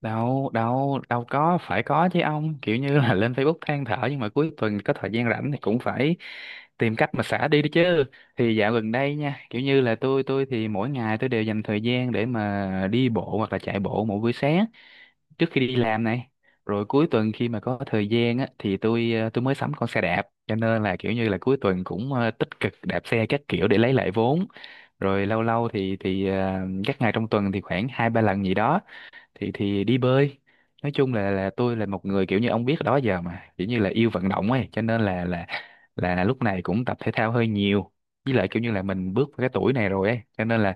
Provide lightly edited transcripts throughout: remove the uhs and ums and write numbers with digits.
Đâu đâu đâu có phải, có chứ ông. Kiểu như là lên Facebook than thở nhưng mà cuối tuần có thời gian rảnh thì cũng phải tìm cách mà xả đi đó chứ. Thì dạo gần đây nha, kiểu như là tôi thì mỗi ngày tôi đều dành thời gian để mà đi bộ hoặc là chạy bộ mỗi buổi sáng trước khi đi làm này. Rồi cuối tuần khi mà có thời gian á thì tôi tôi mới sắm con xe đạp, cho nên là kiểu như là cuối tuần cũng tích cực đạp xe các kiểu để lấy lại vốn. Rồi lâu lâu thì các ngày trong tuần thì khoảng hai ba lần gì đó thì đi bơi. Nói chung là tôi là một người kiểu như ông biết đó, giờ mà kiểu như là yêu vận động ấy, cho nên là lúc này cũng tập thể thao hơi nhiều. Với lại kiểu như là mình bước vào cái tuổi này rồi ấy, cho nên là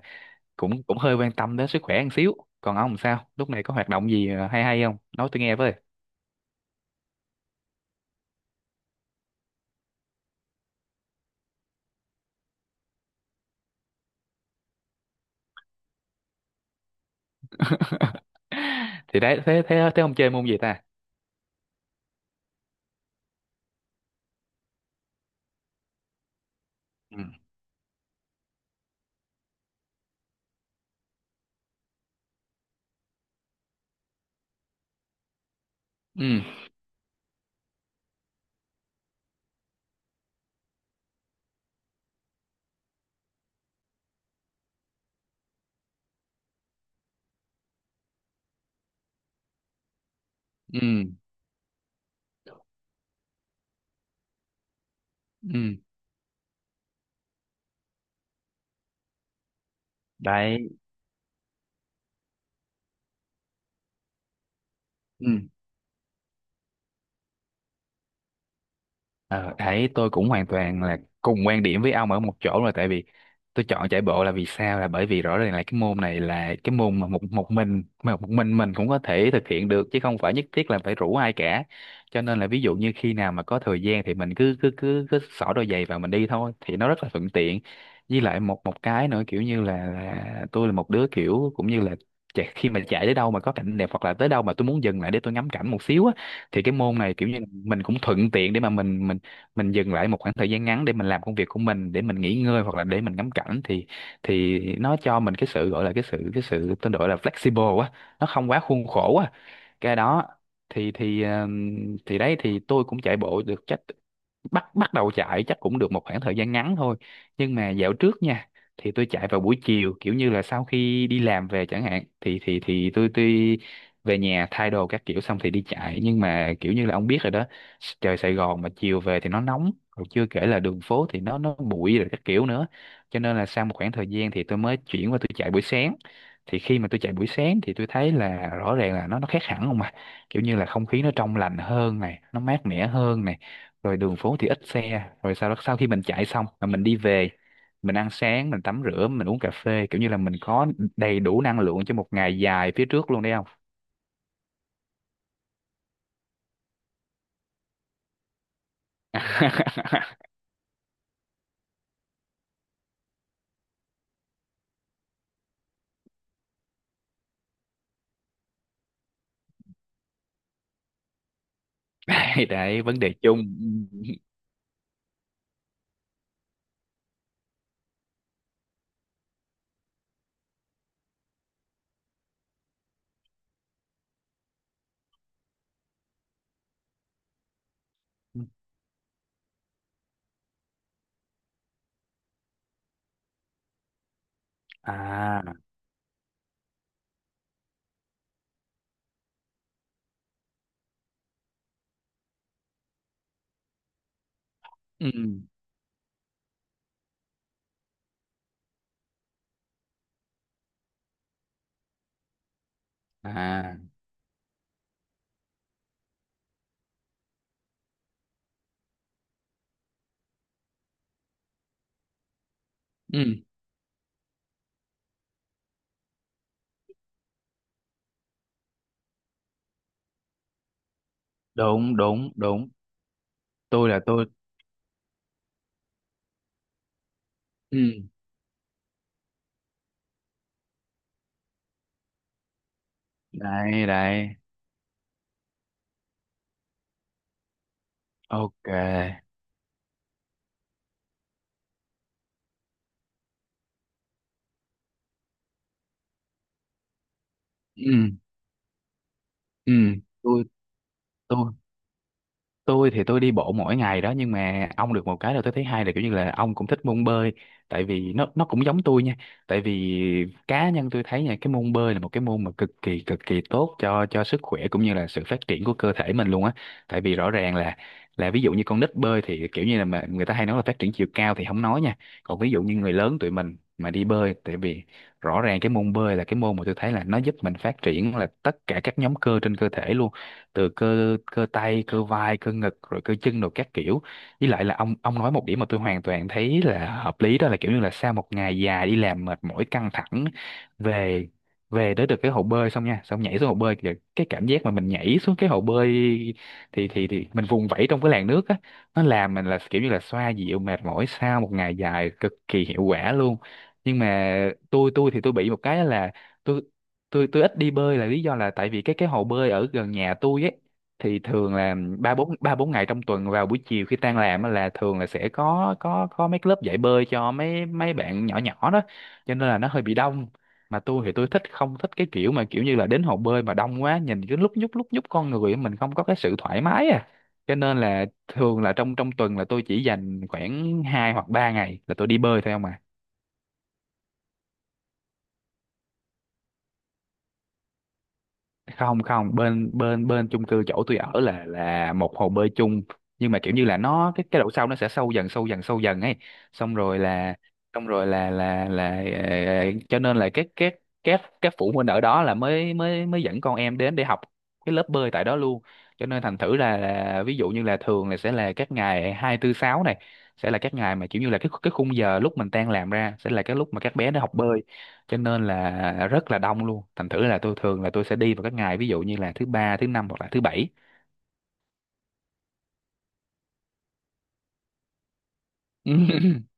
cũng cũng hơi quan tâm đến sức khỏe một xíu. Còn ông sao lúc này có hoạt động gì hay hay không, nói tôi nghe với? Thì đấy, thế thế thế ông chơi môn gì ta? Ừ. Ừ. Ừ. Ừ. Đấy. Ờ, đấy, tôi cũng hoàn toàn là cùng quan điểm với ông ở một chỗ rồi. Tại vì tôi chọn chạy bộ là vì sao, là bởi vì rõ ràng là cái môn này là cái môn mà một một mình mà một mình cũng có thể thực hiện được chứ không phải nhất thiết là phải rủ ai cả. Cho nên là ví dụ như khi nào mà có thời gian thì mình cứ cứ cứ cứ xỏ đôi giày vào mình đi thôi, thì nó rất là thuận tiện. Với lại một một cái nữa, kiểu như là, tôi là một đứa kiểu cũng như là khi mà chạy tới đâu mà có cảnh đẹp hoặc là tới đâu mà tôi muốn dừng lại để tôi ngắm cảnh một xíu á, thì cái môn này kiểu như là mình cũng thuận tiện để mà mình dừng lại một khoảng thời gian ngắn để mình làm công việc của mình, để mình nghỉ ngơi hoặc là để mình ngắm cảnh, thì nó cho mình cái sự gọi là cái sự tôi gọi là flexible quá, nó không quá khuôn khổ quá cái đó. Thì đấy, thì tôi cũng chạy bộ được chắc bắt bắt đầu chạy chắc cũng được một khoảng thời gian ngắn thôi. Nhưng mà dạo trước nha, thì tôi chạy vào buổi chiều kiểu như là sau khi đi làm về chẳng hạn, thì tôi về nhà thay đồ các kiểu xong thì đi chạy. Nhưng mà kiểu như là ông biết rồi đó, trời Sài Gòn mà chiều về thì nó nóng, rồi chưa kể là đường phố thì nó bụi rồi các kiểu nữa. Cho nên là sau một khoảng thời gian thì tôi mới chuyển qua tôi chạy buổi sáng. Thì khi mà tôi chạy buổi sáng thì tôi thấy là rõ ràng là nó khác hẳn không, mà kiểu như là không khí nó trong lành hơn này, nó mát mẻ hơn này, rồi đường phố thì ít xe, rồi sau đó sau khi mình chạy xong mà mình đi về, mình ăn sáng, mình tắm rửa, mình uống cà phê, kiểu như là mình có đầy đủ năng lượng cho một ngày dài phía trước luôn, đấy không? Đấy, đấy, vấn đề chung. À. Ừ. À. Ừ. Đúng, đúng, đúng. Tôi là tôi. Ừ. Đây. Đấy. Ok. Ừ. Ừ. tôi tôi tôi thì tôi đi bộ mỗi ngày đó, nhưng mà ông được một cái là tôi thấy hay là kiểu như là ông cũng thích môn bơi, tại vì nó cũng giống tôi nha. Tại vì cá nhân tôi thấy nha, cái môn bơi là một cái môn mà cực kỳ tốt cho sức khỏe cũng như là sự phát triển của cơ thể mình luôn á. Tại vì rõ ràng là ví dụ như con nít bơi thì kiểu như là mà người ta hay nói là phát triển chiều cao thì không nói nha, còn ví dụ như người lớn tụi mình mà đi bơi. Tại vì rõ ràng cái môn bơi là cái môn mà tôi thấy là nó giúp mình phát triển là tất cả các nhóm cơ trên cơ thể luôn, từ cơ cơ tay, cơ vai, cơ ngực rồi cơ chân rồi các kiểu. Với lại là ông nói một điểm mà tôi hoàn toàn thấy là hợp lý, đó là kiểu như là sau một ngày dài đi làm mệt mỏi căng thẳng về, về tới được cái hồ bơi xong nha, xong nhảy xuống hồ bơi kìa, cái cảm giác mà mình nhảy xuống cái hồ bơi thì mình vùng vẫy trong cái làn nước á, nó làm mình là kiểu như là xoa dịu mệt mỏi sau một ngày dài cực kỳ hiệu quả luôn. Nhưng mà tôi thì tôi bị một cái là tôi tôi ít đi bơi, là lý do là tại vì cái hồ bơi ở gần nhà tôi ấy, thì thường là ba bốn ngày trong tuần vào buổi chiều khi tan làm á là thường là sẽ có mấy lớp dạy bơi cho mấy mấy bạn nhỏ nhỏ đó. Cho nên là nó hơi bị đông, mà tôi thì tôi thích không thích cái kiểu mà kiểu như là đến hồ bơi mà đông quá nhìn cứ lúc nhúc con người, mình không có cái sự thoải mái à. Cho nên là thường là trong trong tuần là tôi chỉ dành khoảng 2 hoặc 3 ngày là tôi đi bơi thôi không à. Không, không, bên bên bên chung cư chỗ tôi ở là một hồ bơi chung. Nhưng mà kiểu như là nó cái độ sâu nó sẽ sâu dần sâu dần sâu dần ấy. xong rồi là xong rồi là ờ, cho nên là các phụ huynh ở đó là mới mới mới dẫn con em đến để học cái lớp bơi tại đó luôn. Cho nên thành thử là, ví dụ như là thường là sẽ là các ngày hai tư sáu này sẽ là các ngày mà kiểu như là cái khung giờ lúc mình tan làm ra sẽ là cái lúc mà các bé nó học bơi, cho nên là rất là đông luôn, thành thử là tôi thường là tôi sẽ đi vào các ngày ví dụ như là thứ ba, thứ năm hoặc là thứ bảy.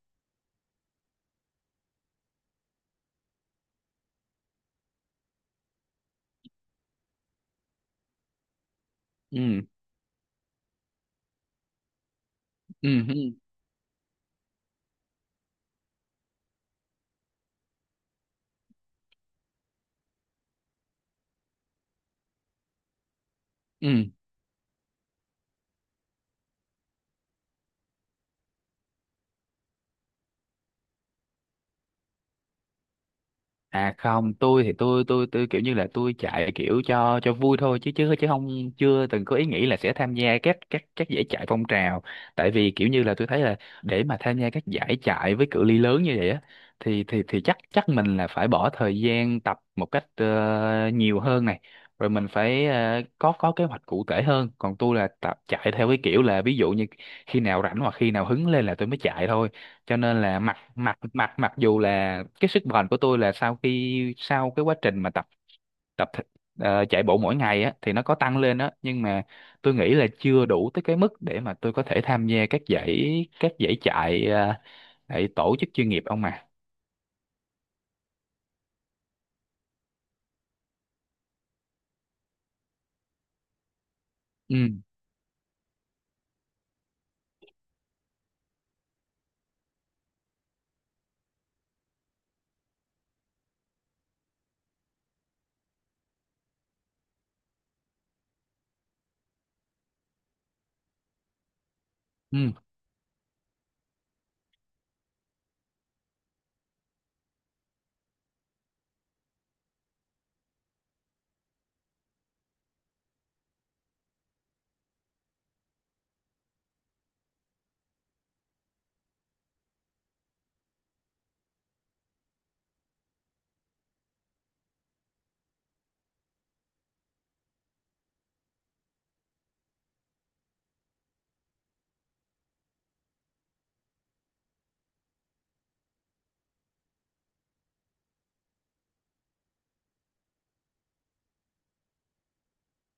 Ừ. Ừ. Ừ. Ừ. Ừ. À không, tôi thì tôi kiểu như là tôi chạy kiểu cho vui thôi, chứ chứ chứ không, chưa từng có ý nghĩ là sẽ tham gia các giải chạy phong trào. Tại vì kiểu như là tôi thấy là để mà tham gia các giải chạy với cự ly lớn như vậy á, thì chắc chắc mình là phải bỏ thời gian tập một cách nhiều hơn này. Rồi mình phải có kế hoạch cụ thể hơn. Còn tôi là tập chạy theo cái kiểu là ví dụ như khi nào rảnh hoặc khi nào hứng lên là tôi mới chạy thôi, cho nên là mặc mặc mặc mặc dù là cái sức bền của tôi là sau khi sau cái quá trình mà tập tập thể- chạy bộ mỗi ngày á thì nó có tăng lên á, nhưng mà tôi nghĩ là chưa đủ tới cái mức để mà tôi có thể tham gia các giải chạy chạy tổ chức chuyên nghiệp ông mà. Ừ. Ừ.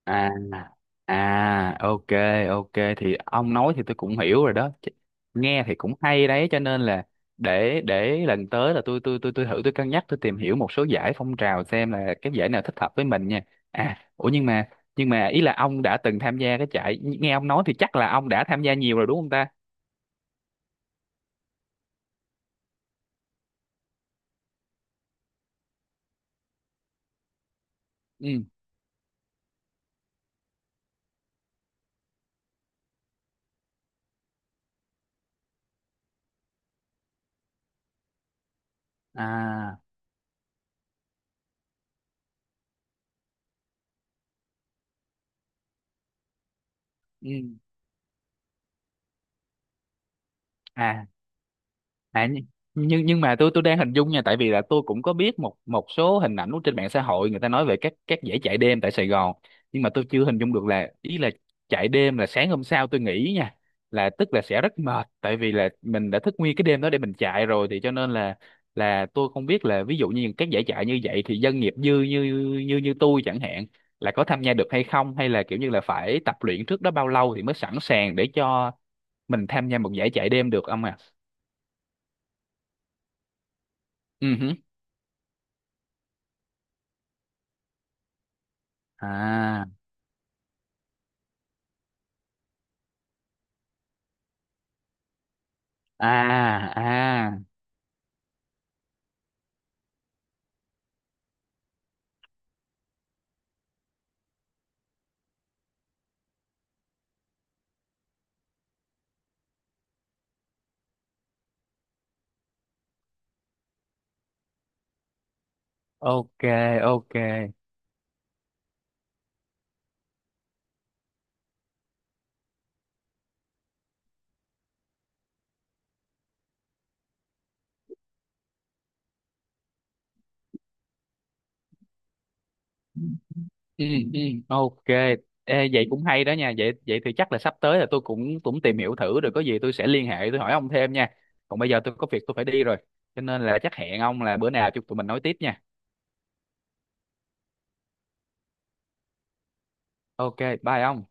À. À. Ok. Ok. Thì ông nói thì tôi cũng hiểu rồi đó. Nghe thì cũng hay đấy, cho nên là để lần tới là tôi thử, tôi cân nhắc, tôi tìm hiểu một số giải phong trào xem là cái giải nào thích hợp với mình nha. À ủa, nhưng mà ý là ông đã từng tham gia cái chạy, nghe ông nói thì chắc là ông đã tham gia nhiều rồi đúng không ta? Ừ. À. Ừ. À. À, nhưng mà tôi đang hình dung nha, tại vì là tôi cũng có biết một một số hình ảnh trên mạng xã hội người ta nói về các dãy chạy đêm tại Sài Gòn. Nhưng mà tôi chưa hình dung được là ý là chạy đêm là sáng hôm sau tôi nghĩ nha, là tức là sẽ rất mệt tại vì là mình đã thức nguyên cái đêm đó để mình chạy rồi, thì cho nên là tôi không biết là ví dụ như các giải chạy như vậy thì dân nghiệp dư như như như tôi chẳng hạn là có tham gia được hay không, hay là kiểu như là phải tập luyện trước đó bao lâu thì mới sẵn sàng để cho mình tham gia một giải chạy đêm được ông à? Ừ. À. À. À. Ok. Ok. Ừ. Ừ. Ok. Ê, vậy cũng hay đó nha, vậy vậy thì chắc là sắp tới là tôi cũng cũng tìm hiểu thử rồi có gì tôi sẽ liên hệ tôi hỏi ông thêm nha. Còn bây giờ tôi có việc tôi phải đi rồi, cho nên là chắc hẹn ông là bữa nào chúng tụi mình nói tiếp nha. Ok. Bye ông.